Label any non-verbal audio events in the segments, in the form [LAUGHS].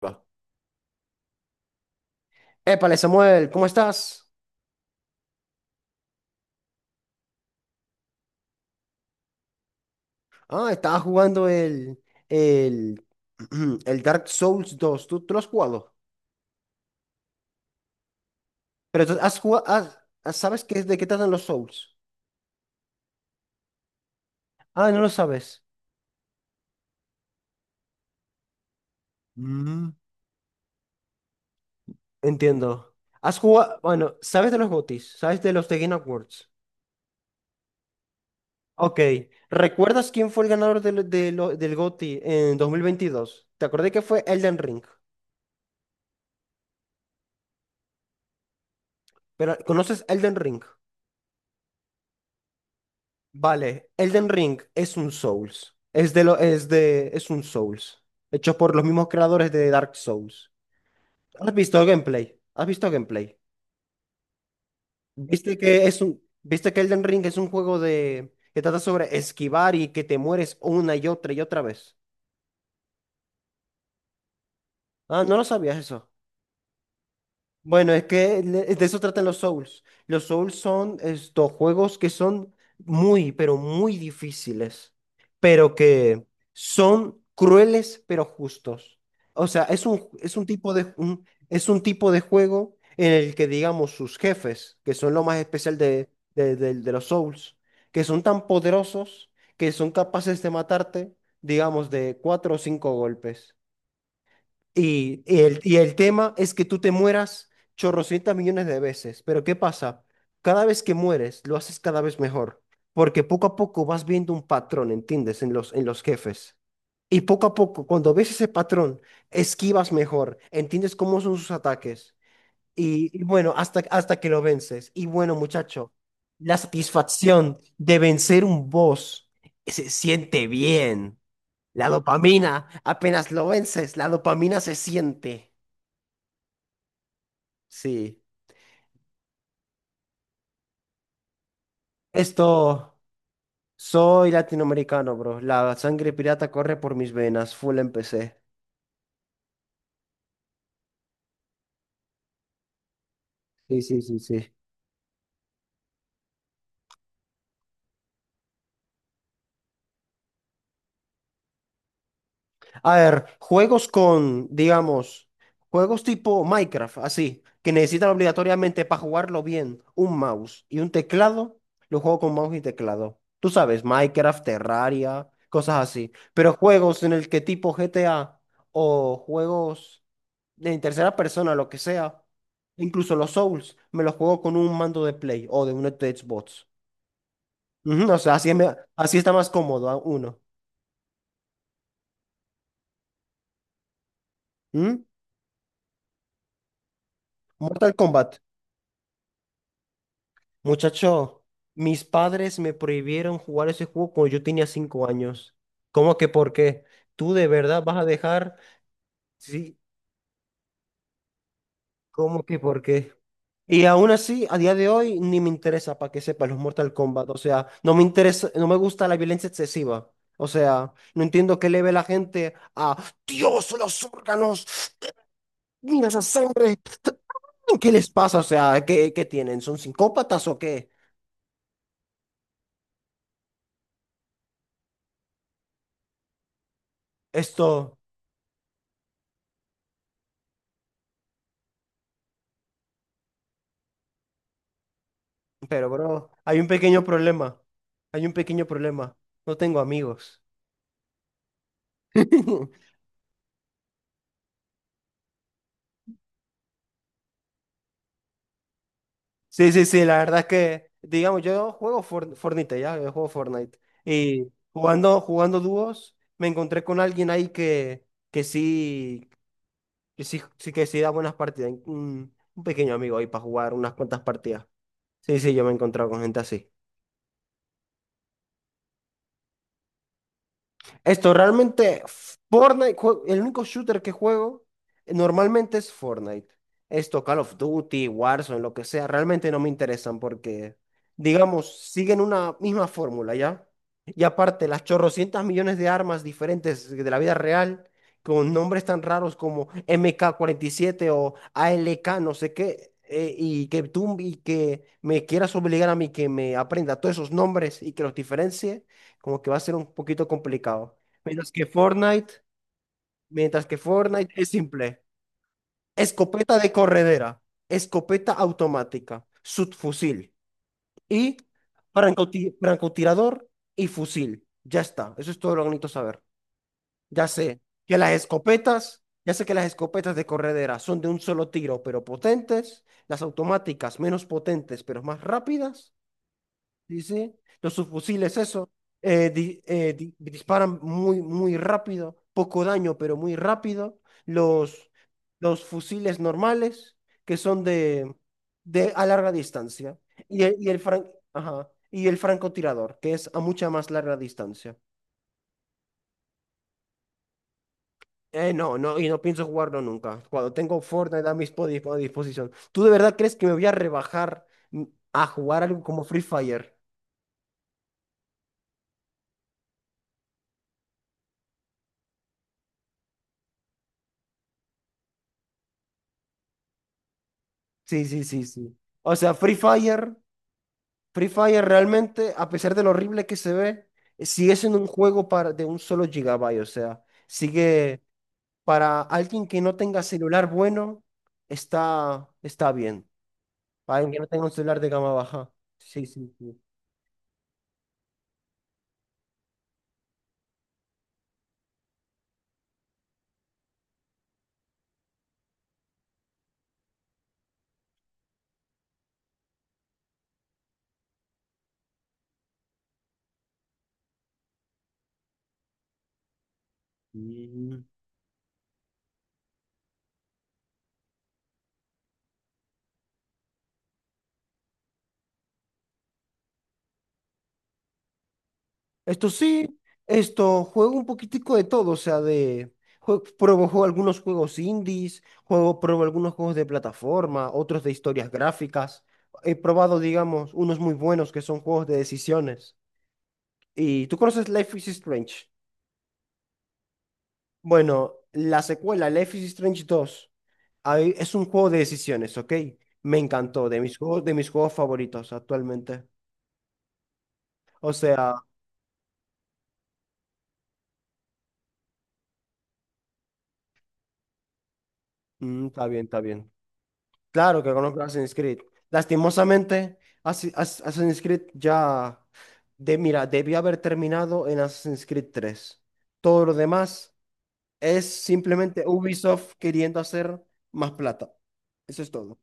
Va. Épale, Samuel, ¿cómo estás? Ah, estaba jugando el, [CLEARS THROAT] el Dark Souls 2. ¿Tú lo has jugado? Pero tú has jugado, ¿sabes qué, de qué tratan los Souls? Ah, no lo sabes. Mm. Entiendo. Has jugado, bueno, ¿sabes de los GOTYs? ¿Sabes de los The Game Awards? Ok. ¿Recuerdas quién fue el ganador del GOTY en 2022? Te acordé que fue Elden Ring. Pero, ¿conoces Elden Ring? Vale, Elden Ring es un Souls. Es de lo, es de, es un Souls. Hecho por los mismos creadores de Dark Souls. ¿Has visto gameplay? ¿Has visto gameplay? ¿Viste que Elden Ring es un juego de, que trata sobre esquivar y que te mueres una y otra vez? Ah, no lo sabías eso. Bueno, es que de eso tratan los Souls. Los Souls son estos juegos que son muy, pero muy difíciles, pero que son crueles, pero justos. O sea, es un tipo de juego en el que, digamos, sus jefes, que son lo más especial de los Souls, que son tan poderosos que son capaces de matarte, digamos, de cuatro o cinco golpes. Y el tema es que tú te mueras chorrocientas millones de veces. Pero ¿qué pasa? Cada vez que mueres, lo haces cada vez mejor. Porque poco a poco vas viendo un patrón, ¿entiendes? En los jefes. Y poco a poco, cuando ves ese patrón, esquivas mejor, entiendes cómo son sus ataques. Y bueno, hasta que lo vences. Y bueno, muchacho, la satisfacción de vencer un boss se siente bien. La dopamina, apenas lo vences, la dopamina se siente. Sí. Esto, soy latinoamericano, bro. La sangre pirata corre por mis venas. Full empecé. Sí, sí, sí, sí. A ver, juegos con, digamos, juegos tipo Minecraft, así, que necesitan obligatoriamente para jugarlo bien un mouse y un teclado, lo juego con mouse y teclado. Tú sabes, Minecraft, Terraria, cosas así. Pero juegos en el que tipo GTA o juegos de en tercera persona, lo que sea, incluso los Souls, me los juego con un mando de Play o de un Xbox. Ujú, o sea, así, así está más cómodo a uno. ¿Mm? Mortal Kombat. Muchacho, mis padres me prohibieron jugar ese juego cuando yo tenía 5 años. ¿Cómo que por qué? ¿Tú de verdad vas a dejar? Sí, ¿cómo que por qué? Y aún así, a día de hoy, ni me interesa, para que sepa, los Mortal Kombat. O sea, no me interesa, no me gusta la violencia excesiva. O sea, no entiendo qué le ve la gente a Dios, los órganos, mira esa sangre. ¿Qué les pasa? O sea, ¿qué tienen? ¿Son psicópatas o qué? Esto. Pero, bro, hay un pequeño problema. Hay un pequeño problema. No tengo amigos. [LAUGHS] Sí, sí, sí, la verdad es que, digamos, yo juego Fortnite, ya, yo juego Fortnite. Y jugando, jugando dúos, me encontré con alguien ahí que sí que sí da buenas partidas. Un pequeño amigo ahí para jugar unas cuantas partidas. Sí, sí, yo me he encontrado con gente así. Esto realmente, Fortnite, el único shooter que juego normalmente es Fortnite. Esto, Call of Duty, Warzone, lo que sea, realmente no me interesan porque, digamos, siguen una misma fórmula, ¿ya? Y aparte, las chorrocientas millones de armas diferentes de la vida real, con nombres tan raros como MK47 o ALK, no sé qué, y que tú y que me quieras obligar a mí que me aprenda todos esos nombres y que los diferencie como que va a ser un poquito complicado. Mientras que Fortnite, mientras que Fortnite es simple. Escopeta de corredera, escopeta automática, subfusil y francotirador y fusil. Ya está, eso es todo lo que necesito saber. Ya sé que las escopetas, ya sé que las escopetas de corredera son de un solo tiro, pero potentes, las automáticas menos potentes, pero más rápidas. Sí, sí. Los subfusiles, eso. Disparan muy, muy rápido. Poco daño, pero muy rápido. Los, los fusiles normales, que son de a larga distancia. Ajá, y el francotirador, que es a mucha más larga distancia. No, no, y no pienso jugarlo nunca. Cuando tengo Fortnite a disposición. ¿Tú de verdad crees que me voy a rebajar, mm, a jugar algo como Free Fire? Sí, sí, sí, sí. O sea, Free Fire. Free Fire realmente, a pesar de lo horrible que se ve, sigue siendo un juego para, de un solo gigabyte. O sea, sigue para alguien que no tenga celular bueno, está bien. Para alguien que no tenga un celular de gama baja. Sí, sí, sí. Mm. Esto sí, esto, juego un poquitico de todo. O sea, pruebo, juego algunos juegos indies, juego, pruebo algunos juegos de plataforma, otros de historias gráficas. He probado, digamos, unos muy buenos que son juegos de decisiones. ¿Y tú conoces Life is Strange? Bueno, la secuela, Life is Strange 2, ahí es un juego de decisiones, ¿ok? Me encantó, de mis juegos favoritos actualmente. O sea, está bien, está bien. Claro que conozco Assassin's Creed. Lastimosamente, Assassin's Creed ya, de, mira, debía haber terminado en Assassin's Creed 3. Todo lo demás es simplemente Ubisoft queriendo hacer más plata. Eso es todo.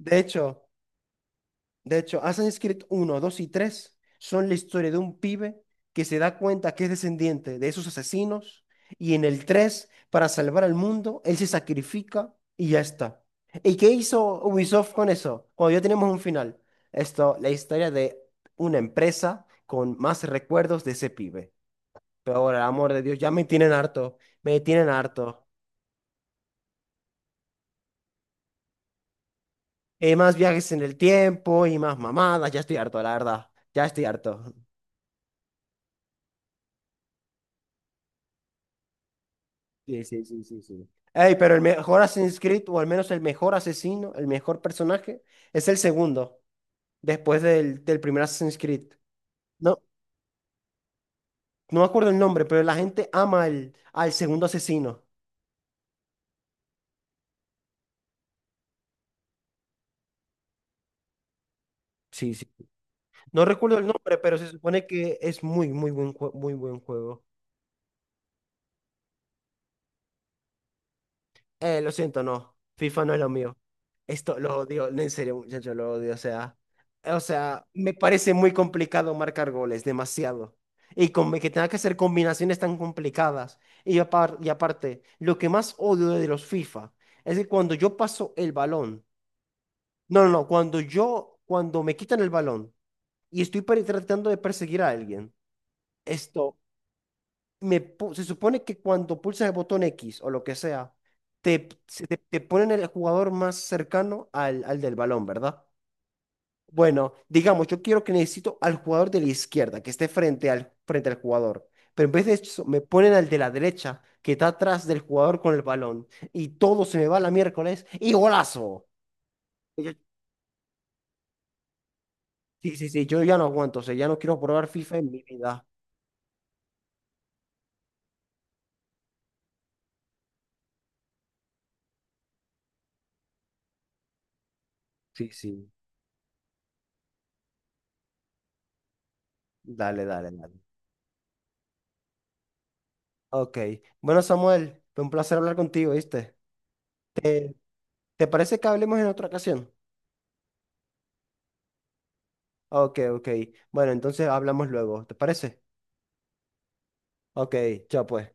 De hecho, Assassin's Creed 1, 2 y 3 son la historia de un pibe que se da cuenta que es descendiente de esos asesinos y en el 3 para salvar al mundo, él se sacrifica y ya está. ¿Y qué hizo Ubisoft con eso? Cuando ya tenemos un final. Esto, la historia de una empresa con más recuerdos de ese pibe. Pero ahora, amor de Dios, ya me tienen harto, me tienen harto. Más viajes en el tiempo y más mamadas, ya estoy harto, la verdad. Ya estoy harto. Sí, sí, sí, sí, sí. Ey, pero el mejor Assassin's Creed, o al menos el mejor asesino, el mejor personaje, es el segundo, después del primer Assassin's Creed. No, no me acuerdo el nombre, pero la gente ama al segundo asesino. Sí, sí. No recuerdo el nombre, pero se supone que es muy, muy buen juego. Lo siento, no. FIFA no es lo mío. Esto lo odio, no, en serio, muchachos, lo odio. O sea, me parece muy complicado marcar goles, demasiado. Y con que tenga que hacer combinaciones tan complicadas. Y aparte, lo que más odio de los FIFA es que cuando yo paso el balón, no, no, no, cuando me quitan el balón y estoy tratando de perseguir a alguien, esto se supone que cuando pulsas el botón X o lo que sea, te ponen el jugador más cercano al del balón, ¿verdad? Bueno, digamos, yo quiero que necesito al jugador de la izquierda, que esté frente al jugador. Pero en vez de eso, me ponen al de la derecha, que está atrás del jugador con el balón. Y todo se me va a la miércoles. ¡Y golazo! Y yo- sí, sí, sí, yo ya no aguanto. O sea, ya no quiero probar FIFA en mi vida. Sí, sí. Dale, dale, dale. Ok. Bueno, Samuel, fue un placer hablar contigo, ¿viste? Eh, ¿te parece que hablemos en otra ocasión? Ok, ok. Bueno, entonces hablamos luego. ¿Te parece? Ok, chao pues.